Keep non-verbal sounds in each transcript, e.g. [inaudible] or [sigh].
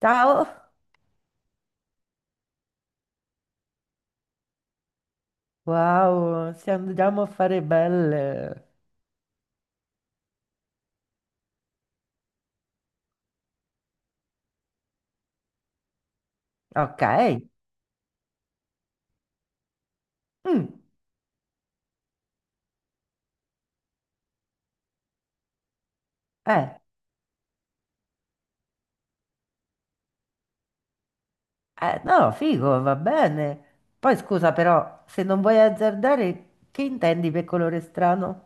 Ciao! Wow, se andiamo a fare belle. Ok. Mm. eh, no, figo, va bene. Poi scusa però, se non vuoi azzardare, che intendi per colore strano?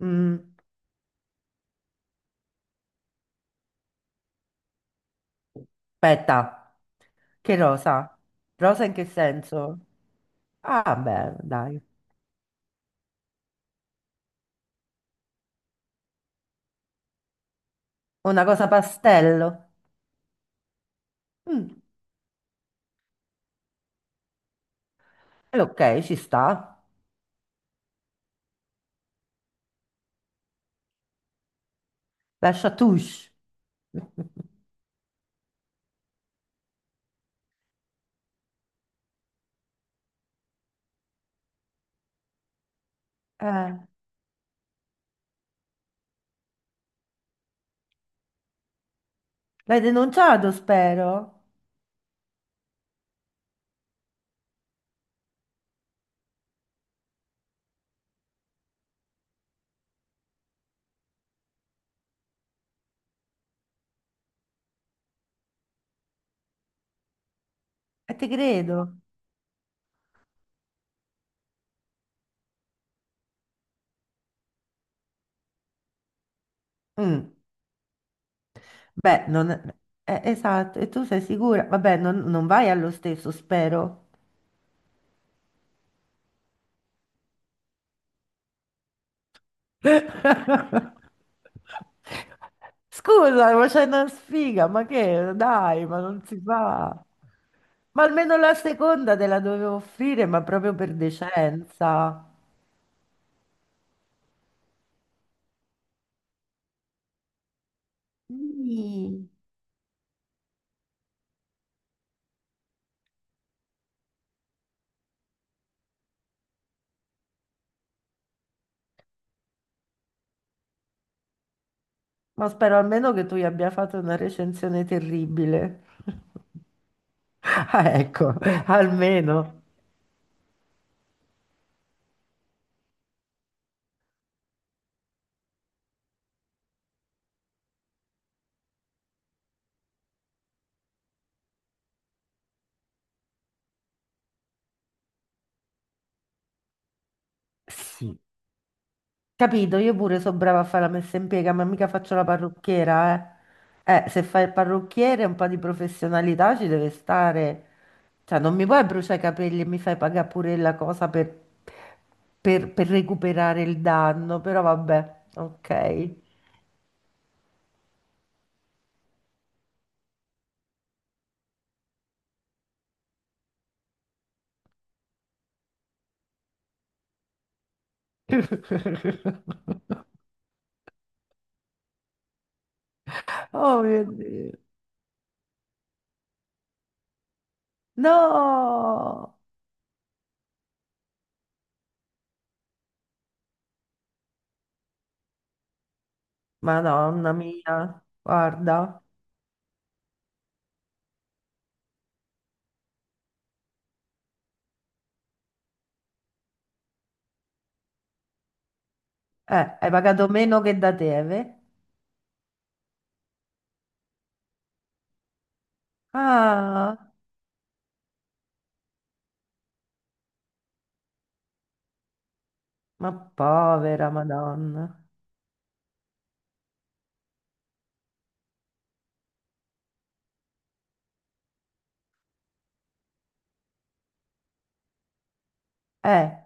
Mm, Aspetta, che rosa? Rosa in che senso? Ah, beh, dai. Una cosa pastello. Mm, ok, ci sta. Lascia touche. Eh, L'hai denunciato, spero. E ti credo. Mm. Beh, non... Eh, esatto, e tu sei sicura? Vabbè, non vai allo stesso, spero. Scusa, ma c'è una sfiga, ma che? Dai, ma non si fa. Ma almeno la seconda te la dovevo offrire, ma proprio per decenza. Sì. Ma spero almeno che tu gli abbia fatto una recensione terribile. [laughs] Ah, ecco, almeno. Sì. Capito, io pure so brava a fare la messa in piega, ma mica faccio la parrucchiera, eh. Se fai il parrucchiere un po' di professionalità ci deve stare. Cioè, non mi puoi bruciare i capelli e mi fai pagare pure la cosa per recuperare il danno, però vabbè, ok. Oh mio Dio. No! Madonna mia, guarda. Hai pagato meno che da te, eh? Ah, ma povera Madonna. Eh.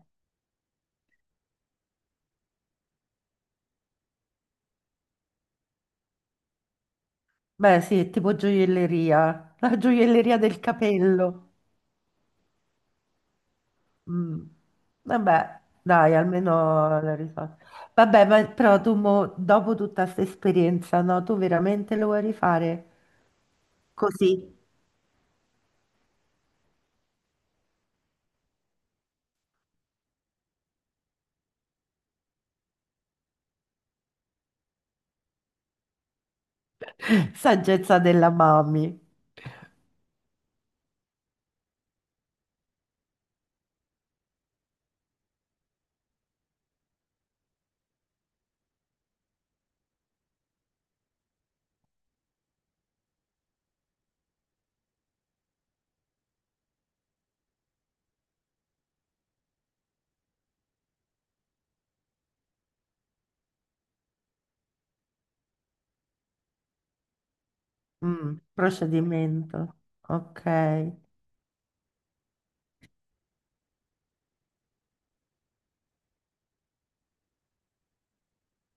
Beh, sì, è tipo gioielleria, [laughs] la gioielleria del capello. Mm. Vabbè, dai, almeno la risposta. Vabbè, ma però tu mo, dopo tutta questa esperienza, no, tu veramente lo vuoi rifare? Così, [laughs] saggezza della mami. Procedimento. Ok,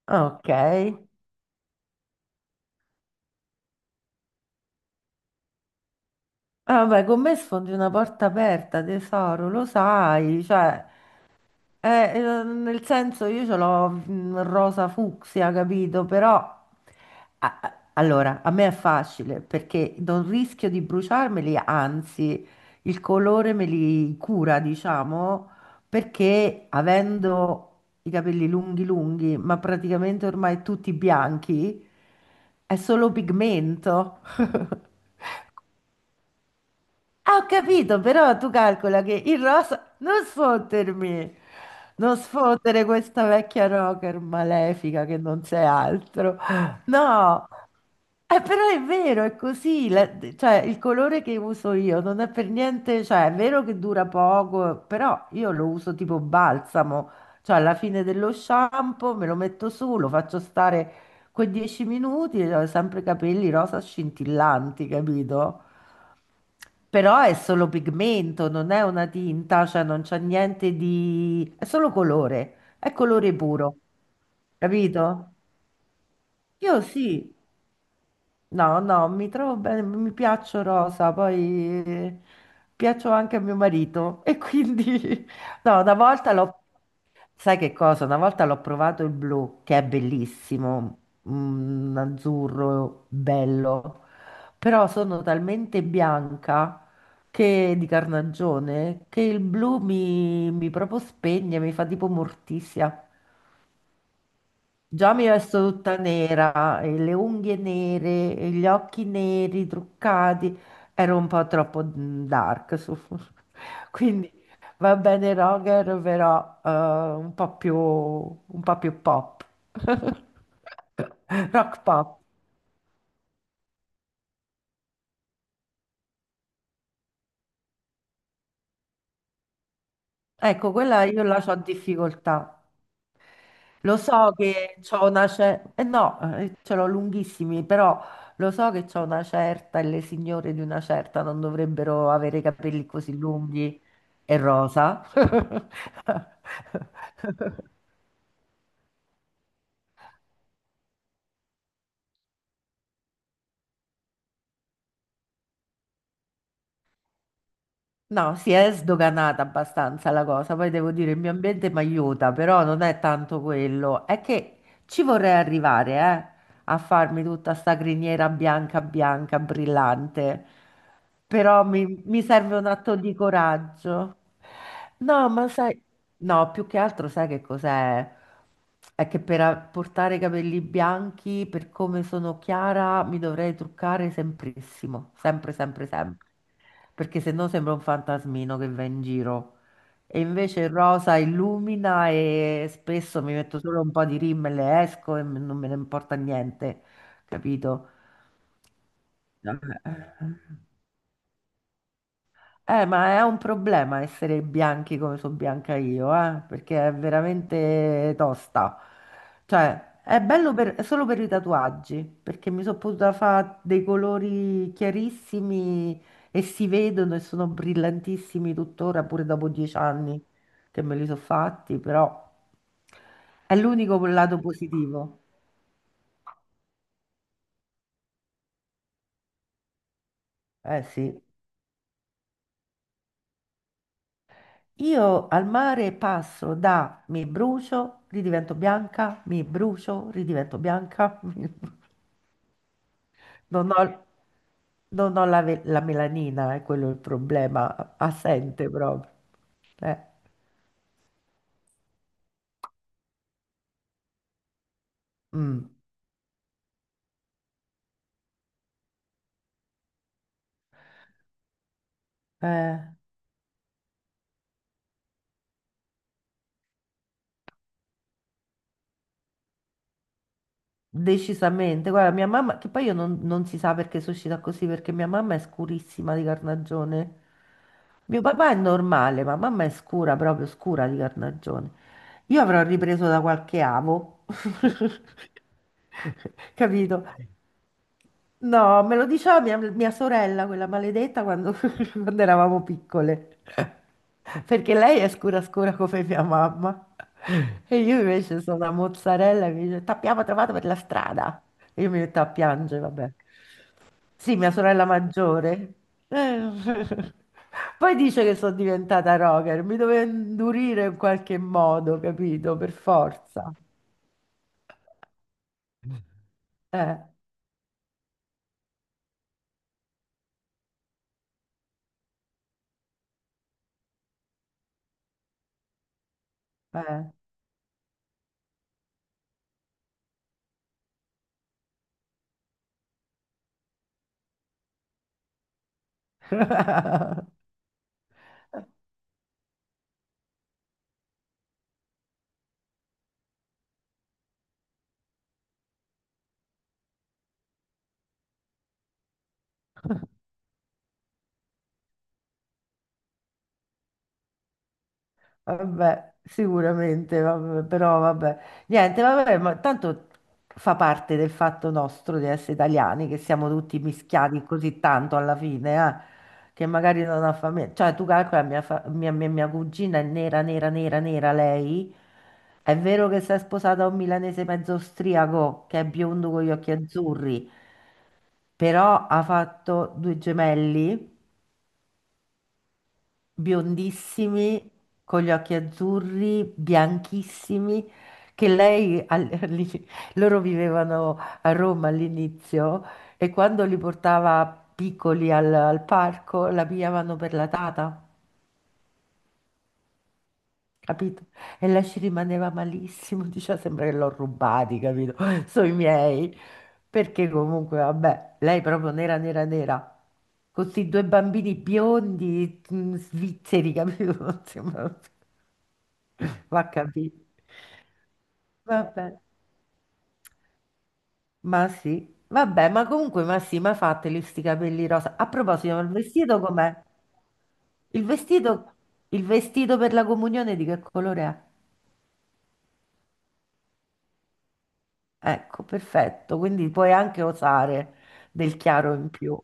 ok. Ah, vabbè, con me sfondi una porta aperta, tesoro, lo sai, cioè... Nel senso io ce l'ho rosa fucsia, capito? Però allora a me è facile perché non rischio di bruciarmeli, anzi il colore me li cura, diciamo, perché avendo i capelli lunghi lunghi, ma praticamente ormai tutti bianchi, è solo pigmento. [laughs] Ah, ho capito, però tu calcola che il rosa... Non sfottermi! Non sfottere questa vecchia rocker malefica che non sei altro. No! Però è vero, è così. Cioè, il colore che uso io non è per niente... Cioè, è vero che dura poco, però io lo uso tipo balsamo. Cioè, alla fine dello shampoo me lo metto su, lo faccio stare quei 10 minuti e ho sempre i capelli rosa scintillanti, capito? Però è solo pigmento, non è una tinta, cioè non c'è niente di... è solo colore, è colore puro, capito? Io sì. No, no, mi trovo bene, mi piaccio rosa, poi piaccio anche a mio marito e quindi [laughs] no, una volta l'ho, sai che cosa? Una volta l'ho provato il blu, che è bellissimo, un azzurro bello, però sono talmente bianca che di carnagione che il blu mi proprio spegne, mi fa tipo morticia. Già mi resto tutta nera, e le unghie nere, e gli occhi neri, truccati. Ero un po' troppo dark. [laughs] Quindi va bene Roger, però un po' più pop. [laughs] Rock pop. Ecco, quella io la so difficoltà. Lo so che c'ho una certa, eh no, ce l'ho lunghissimi, però lo so che c'ho una certa e le signore di una certa non dovrebbero avere i capelli così lunghi e rosa. [laughs] No, si è sdoganata abbastanza la cosa, poi devo dire il mio ambiente mi aiuta, però non è tanto quello, è che ci vorrei arrivare, eh. A farmi tutta sta criniera bianca, bianca, brillante. Però mi serve un atto di coraggio. No, ma sai, no, più che altro sai che cos'è? È che per portare i capelli bianchi, per come sono chiara, mi dovrei truccare semprissimo, sempre, sempre, sempre. Perché se no sembra un fantasmino che va in giro. E invece il rosa illumina e spesso mi metto solo un po' di rimmel e esco e non me ne importa niente, capito? Eh. Ma è un problema essere bianchi come sono bianca io, perché è veramente tosta. Cioè, è bello è solo per i tatuaggi, perché mi sono potuta fare dei colori chiarissimi e si vedono e sono brillantissimi tuttora, pure dopo 10 anni che me li sono fatti, però è l'unico lato positivo. Eh sì. Io al mare passo da mi brucio, ridivento bianca, mi brucio, ridivento bianca. [laughs] Non ho, non ho la, la melanina, è quello il problema, assente proprio. Eh. Mm, eh. Decisamente, guarda, mia mamma, che poi io non, non si sa perché sono uscita così, perché mia mamma è scurissima di carnagione. Mio papà è normale, ma mamma è scura, proprio scura di carnagione. Io avrò ripreso da qualche avo, [laughs] capito? No, me lo diceva mia sorella, quella maledetta, quando, [laughs] quando eravamo piccole. Perché lei è scura scura come mia mamma. E io invece sono una mozzarella e mi dice, t'abbiamo trovato per la strada. E io mi metto a piangere, vabbè. Sì, mia sorella maggiore. Eh. [laughs] Poi dice che sono diventata rocker, mi doveva indurire in qualche modo, capito? Per forza. Eh, eh. [laughs] Vabbè, sicuramente, vabbè, però vabbè, niente, vabbè, ma tanto fa parte del fatto nostro di essere italiani, che siamo tutti mischiati così tanto alla fine, che magari non ha famiglia. Cioè, tu calcola, mia, fa- mia, mia- mia cugina è nera, nera, nera, nera lei. È vero che si è sposata a un milanese mezzo austriaco, che è biondo con gli occhi azzurri, però ha fatto due gemelli. Biondissimi, con gli occhi azzurri, bianchissimi, che lei, [laughs] loro vivevano a Roma all'inizio e quando li portava piccoli al parco la pigliavano per la tata. Capito? E lei ci rimaneva malissimo, [laughs] diceva sembra che l'ho rubati, capito? [laughs] Sono i miei. Perché comunque, vabbè, lei proprio nera, nera, nera. Con questi due bambini biondi, svizzeri, capito? [laughs] Va capito. Vabbè, ma sì. Vabbè, ma comunque, ma sì, ma fateli sti capelli rosa. A proposito, ma il vestito com'è? Il vestito, il vestito per la comunione di che colore è? Ecco, perfetto. Quindi puoi anche osare del chiaro in più.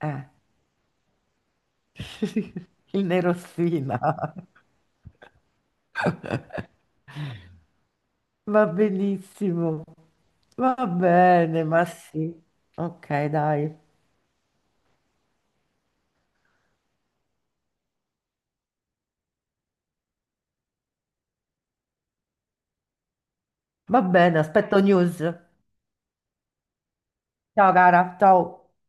Eh. [laughs] Il nerosfina. [laughs] Va benissimo. Va bene, ma sì. Ok, dai. Va bene, aspetto news. Ciao cara, ciao.